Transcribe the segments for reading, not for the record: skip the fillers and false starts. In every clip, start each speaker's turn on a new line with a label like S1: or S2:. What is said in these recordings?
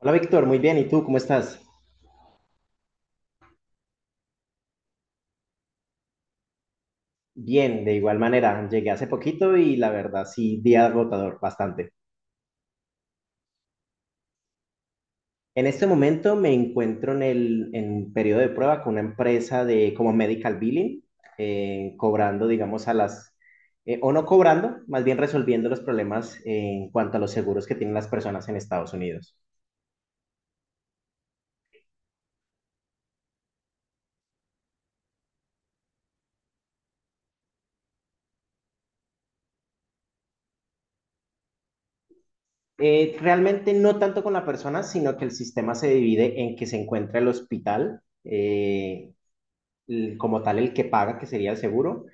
S1: Hola Víctor, muy bien. ¿Y tú cómo estás? Bien, de igual manera. Llegué hace poquito y la verdad sí, día agotador, bastante. En este momento me encuentro en periodo de prueba con una empresa de como medical billing, cobrando, digamos, o no cobrando, más bien resolviendo los problemas en cuanto a los seguros que tienen las personas en Estados Unidos. Realmente no tanto con la persona, sino que el sistema se divide en que se encuentra el hospital, como tal el que paga, que sería el seguro,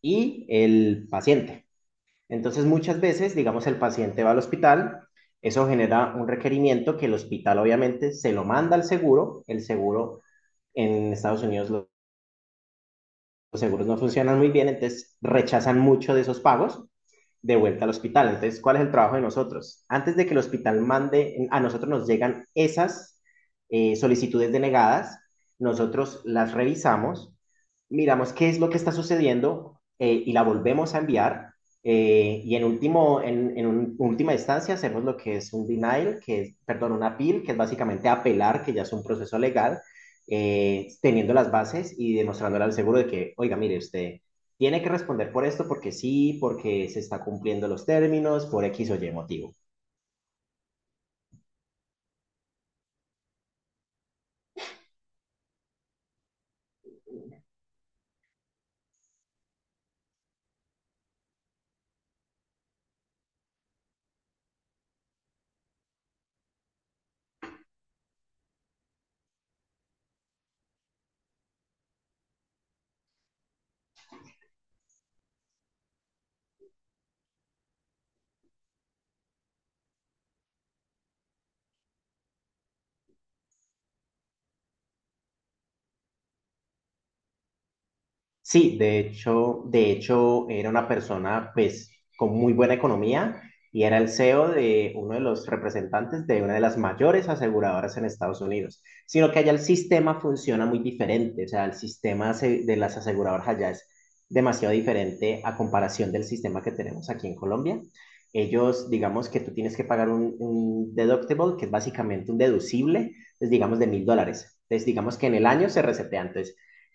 S1: y el paciente. Entonces, muchas veces, digamos, el paciente va al hospital, eso genera un requerimiento que el hospital obviamente se lo manda al seguro, el seguro en Estados Unidos lo- los seguros no funcionan muy bien, entonces rechazan mucho de esos pagos de vuelta al hospital. Entonces, ¿cuál es el trabajo de nosotros? Antes de que el hospital mande, a nosotros nos llegan esas solicitudes denegadas, nosotros las revisamos, miramos qué es lo que está sucediendo, y la volvemos a enviar. En última instancia hacemos lo que es un denial, que es, perdón, un appeal, que es básicamente apelar, que ya es un proceso legal, teniendo las bases y demostrándole al seguro de que, oiga, mire, usted tiene que responder por esto, porque sí, porque se está cumpliendo los términos, por X o Y motivo. Sí, de hecho era una persona pues con muy buena economía y era el CEO de uno de los representantes de una de las mayores aseguradoras en Estados Unidos. Sino que allá el sistema funciona muy diferente, o sea, de las aseguradoras allá es demasiado diferente a comparación del sistema que tenemos aquí en Colombia. Ellos, digamos que tú tienes que pagar un deductible, que es básicamente un deducible, pues digamos de $1000. Entonces, digamos que en el año se resetea.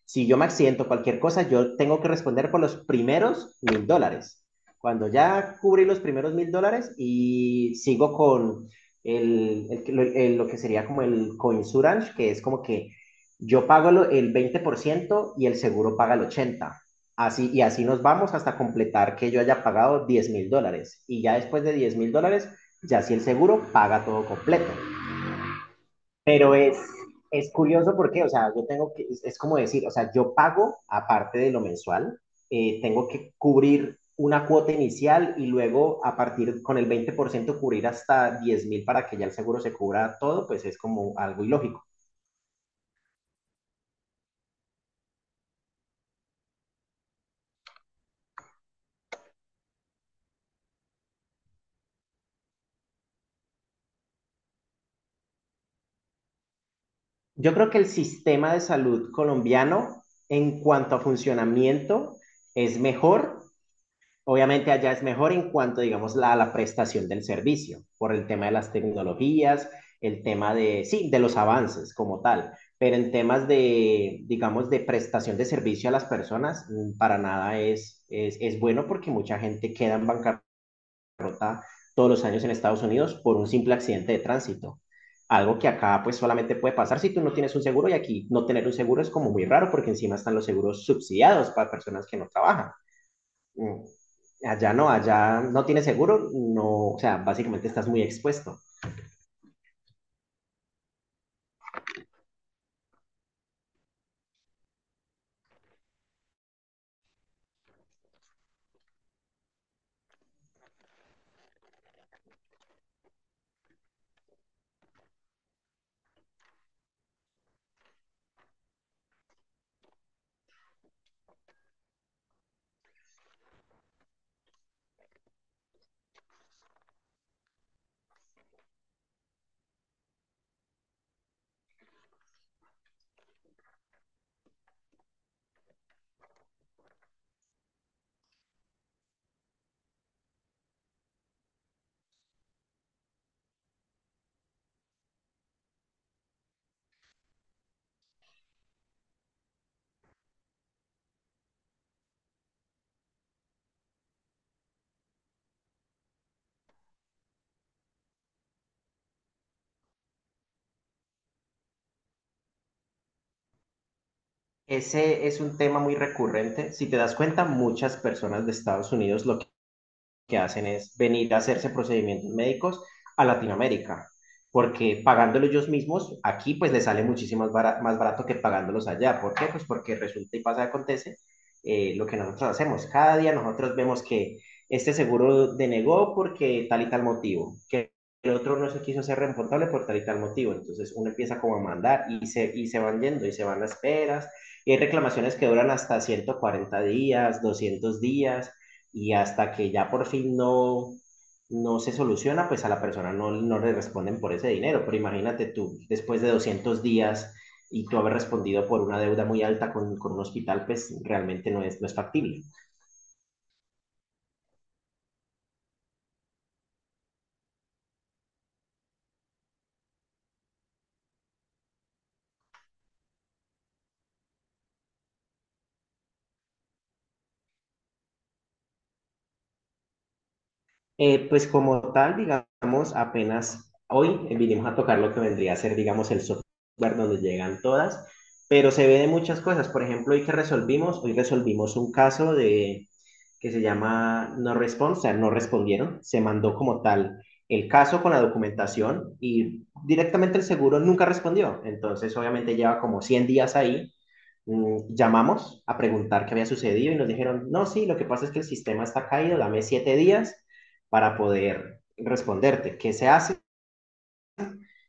S1: Si yo me accidento cualquier cosa, yo tengo que responder por los primeros $1000. Cuando ya cubrí los primeros $1000 y sigo con lo que sería como el coinsurance, que es como que yo pago el 20% y el seguro paga el 80%. Así, y así nos vamos hasta completar que yo haya pagado $10000. Y ya después de $10000, ya si el seguro paga todo completo. Pero es curioso porque, o sea, yo tengo que, es como decir, o sea, yo pago, aparte de lo mensual, tengo que cubrir una cuota inicial y luego a partir con el 20% cubrir hasta 10000 para que ya el seguro se cubra todo, pues es como algo ilógico. Yo creo que el sistema de salud colombiano en cuanto a funcionamiento es mejor. Obviamente allá es mejor en cuanto, digamos, a la prestación del servicio, por el tema de las tecnologías, el tema de, sí, de los avances como tal, pero en temas de, digamos, de prestación de servicio a las personas, mm, para nada es bueno porque mucha gente queda en bancarrota todos los años en Estados Unidos por un simple accidente de tránsito. Algo que acá pues solamente puede pasar si tú no tienes un seguro y aquí no tener un seguro es como muy raro porque encima están los seguros subsidiados para personas que no trabajan. Mm. Allá no tienes seguro, no, o sea, básicamente estás muy expuesto. Ese es un tema muy recurrente. Si te das cuenta, muchas personas de Estados Unidos lo que hacen es venir a hacerse procedimientos médicos a Latinoamérica, porque pagándolo ellos mismos, aquí pues les sale más barato que pagándolos allá. ¿Por qué? Pues porque resulta y pasa, acontece lo que nosotros hacemos. Cada día nosotros vemos que este seguro denegó porque tal y tal motivo, que el otro no se quiso ser responsable por tal y tal motivo. Entonces uno empieza como a mandar y se van yendo y se van las esperas. Y hay reclamaciones que duran hasta 140 días, 200 días y hasta que ya por fin no, no se soluciona, pues a la persona no, no le responden por ese dinero. Pero imagínate tú, después de 200 días y tú haber respondido por una deuda muy alta con un hospital, pues realmente no es, no es factible. Pues como tal, digamos, apenas hoy vinimos a tocar lo que vendría a ser, digamos, el software donde llegan todas, pero se ve de muchas cosas. Por ejemplo, hoy resolvimos un caso de que se llama no response, o sea, no respondieron, se mandó como tal el caso con la documentación y directamente el seguro nunca respondió. Entonces, obviamente lleva como 100 días ahí. Mm, llamamos a preguntar qué había sucedido y nos dijeron, no, sí, lo que pasa es que el sistema está caído, dame 7 días para poder responderte. ¿Qué se hace?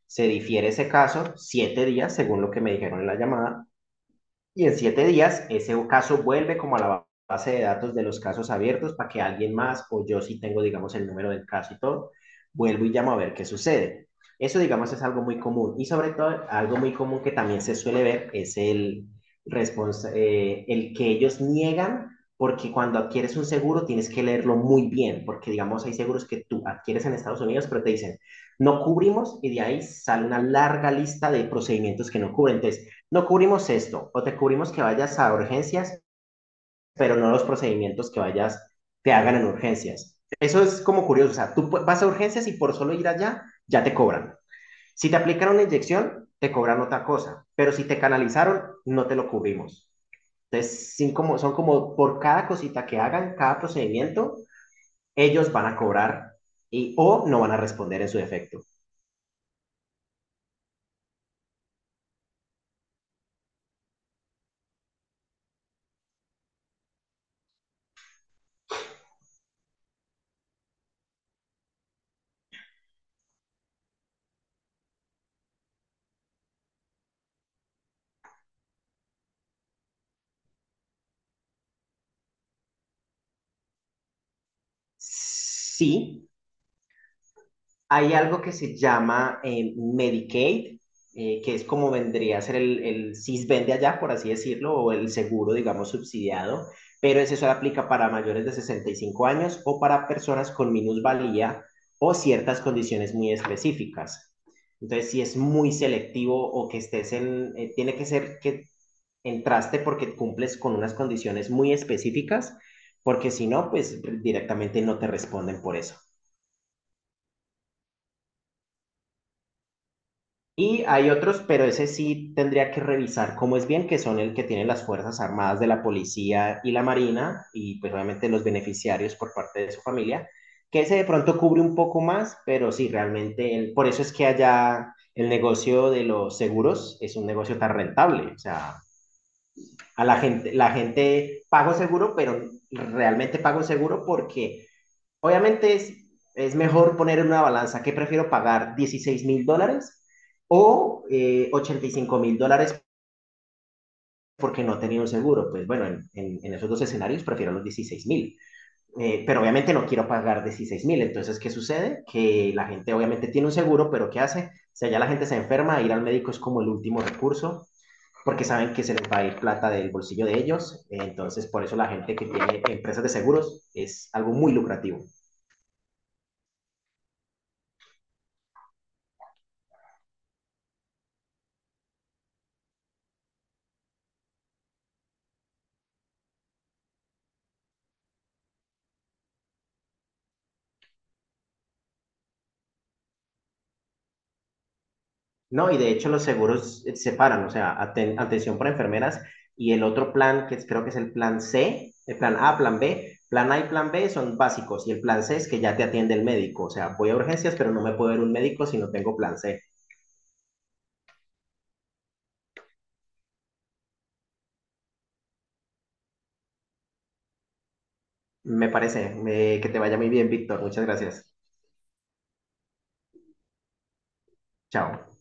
S1: Se difiere ese caso 7 días, según lo que me dijeron en la llamada, y en 7 días ese caso vuelve como a la base de datos de los casos abiertos para que alguien más o yo sí tengo, digamos, el número del caso y todo, vuelvo y llamo a ver qué sucede. Eso, digamos, es algo muy común. Y sobre todo, algo muy común que también se suele ver es el que ellos niegan porque cuando adquieres un seguro tienes que leerlo muy bien, porque digamos hay seguros que tú adquieres en Estados Unidos, pero te dicen, no cubrimos y de ahí sale una larga lista de procedimientos que no cubren. Entonces, no cubrimos esto, o te cubrimos que vayas a urgencias, pero no los procedimientos que vayas te hagan en urgencias. Eso es como curioso, o sea, tú vas a urgencias y por solo ir allá ya te cobran. Si te aplican una inyección, te cobran otra cosa, pero si te canalizaron, no te lo cubrimos. Entonces, sin como, son como por cada cosita que hagan, cada procedimiento, ellos van a cobrar y o no van a responder en su defecto. Sí, hay algo que se llama, Medicaid, que es como vendría a ser el CISBEN de allá, por así decirlo, o el seguro, digamos, subsidiado, pero ese solo aplica para mayores de 65 años o para personas con minusvalía o ciertas condiciones muy específicas. Entonces, si es muy selectivo o que estés en, tiene que ser que entraste porque cumples con unas condiciones muy específicas, porque si no, pues directamente no te responden por eso. Y hay otros, pero ese sí tendría que revisar cómo es bien, que son el que tienen las Fuerzas Armadas de la Policía y la Marina, y pues obviamente los beneficiarios por parte de su familia, que ese de pronto cubre un poco más, pero sí, realmente, por eso es que allá el negocio de los seguros es un negocio tan rentable, o sea, la gente paga un seguro, pero realmente paga un seguro porque obviamente es mejor poner en una balanza que prefiero pagar $16000 o $85000 porque no tenía un seguro. Pues bueno, en esos dos escenarios prefiero los 16000. Pero obviamente no quiero pagar 16000. Entonces, ¿qué sucede? Que la gente obviamente tiene un seguro, pero ¿qué hace? Si allá la gente se enferma, ir al médico es como el último recurso porque saben que se les va a ir plata del bolsillo de ellos. Entonces, por eso la gente que tiene empresas de seguros es algo muy lucrativo. No, y de hecho los seguros, separan, o sea, aten- atención para enfermeras y el otro plan, creo que es el plan C, el plan A, plan B, plan A y plan B son básicos y el plan C es que ya te atiende el médico, o sea, voy a urgencias, pero no me puedo ver un médico si no tengo plan C. Me parece, que te vaya muy bien, Víctor, muchas gracias. Chao.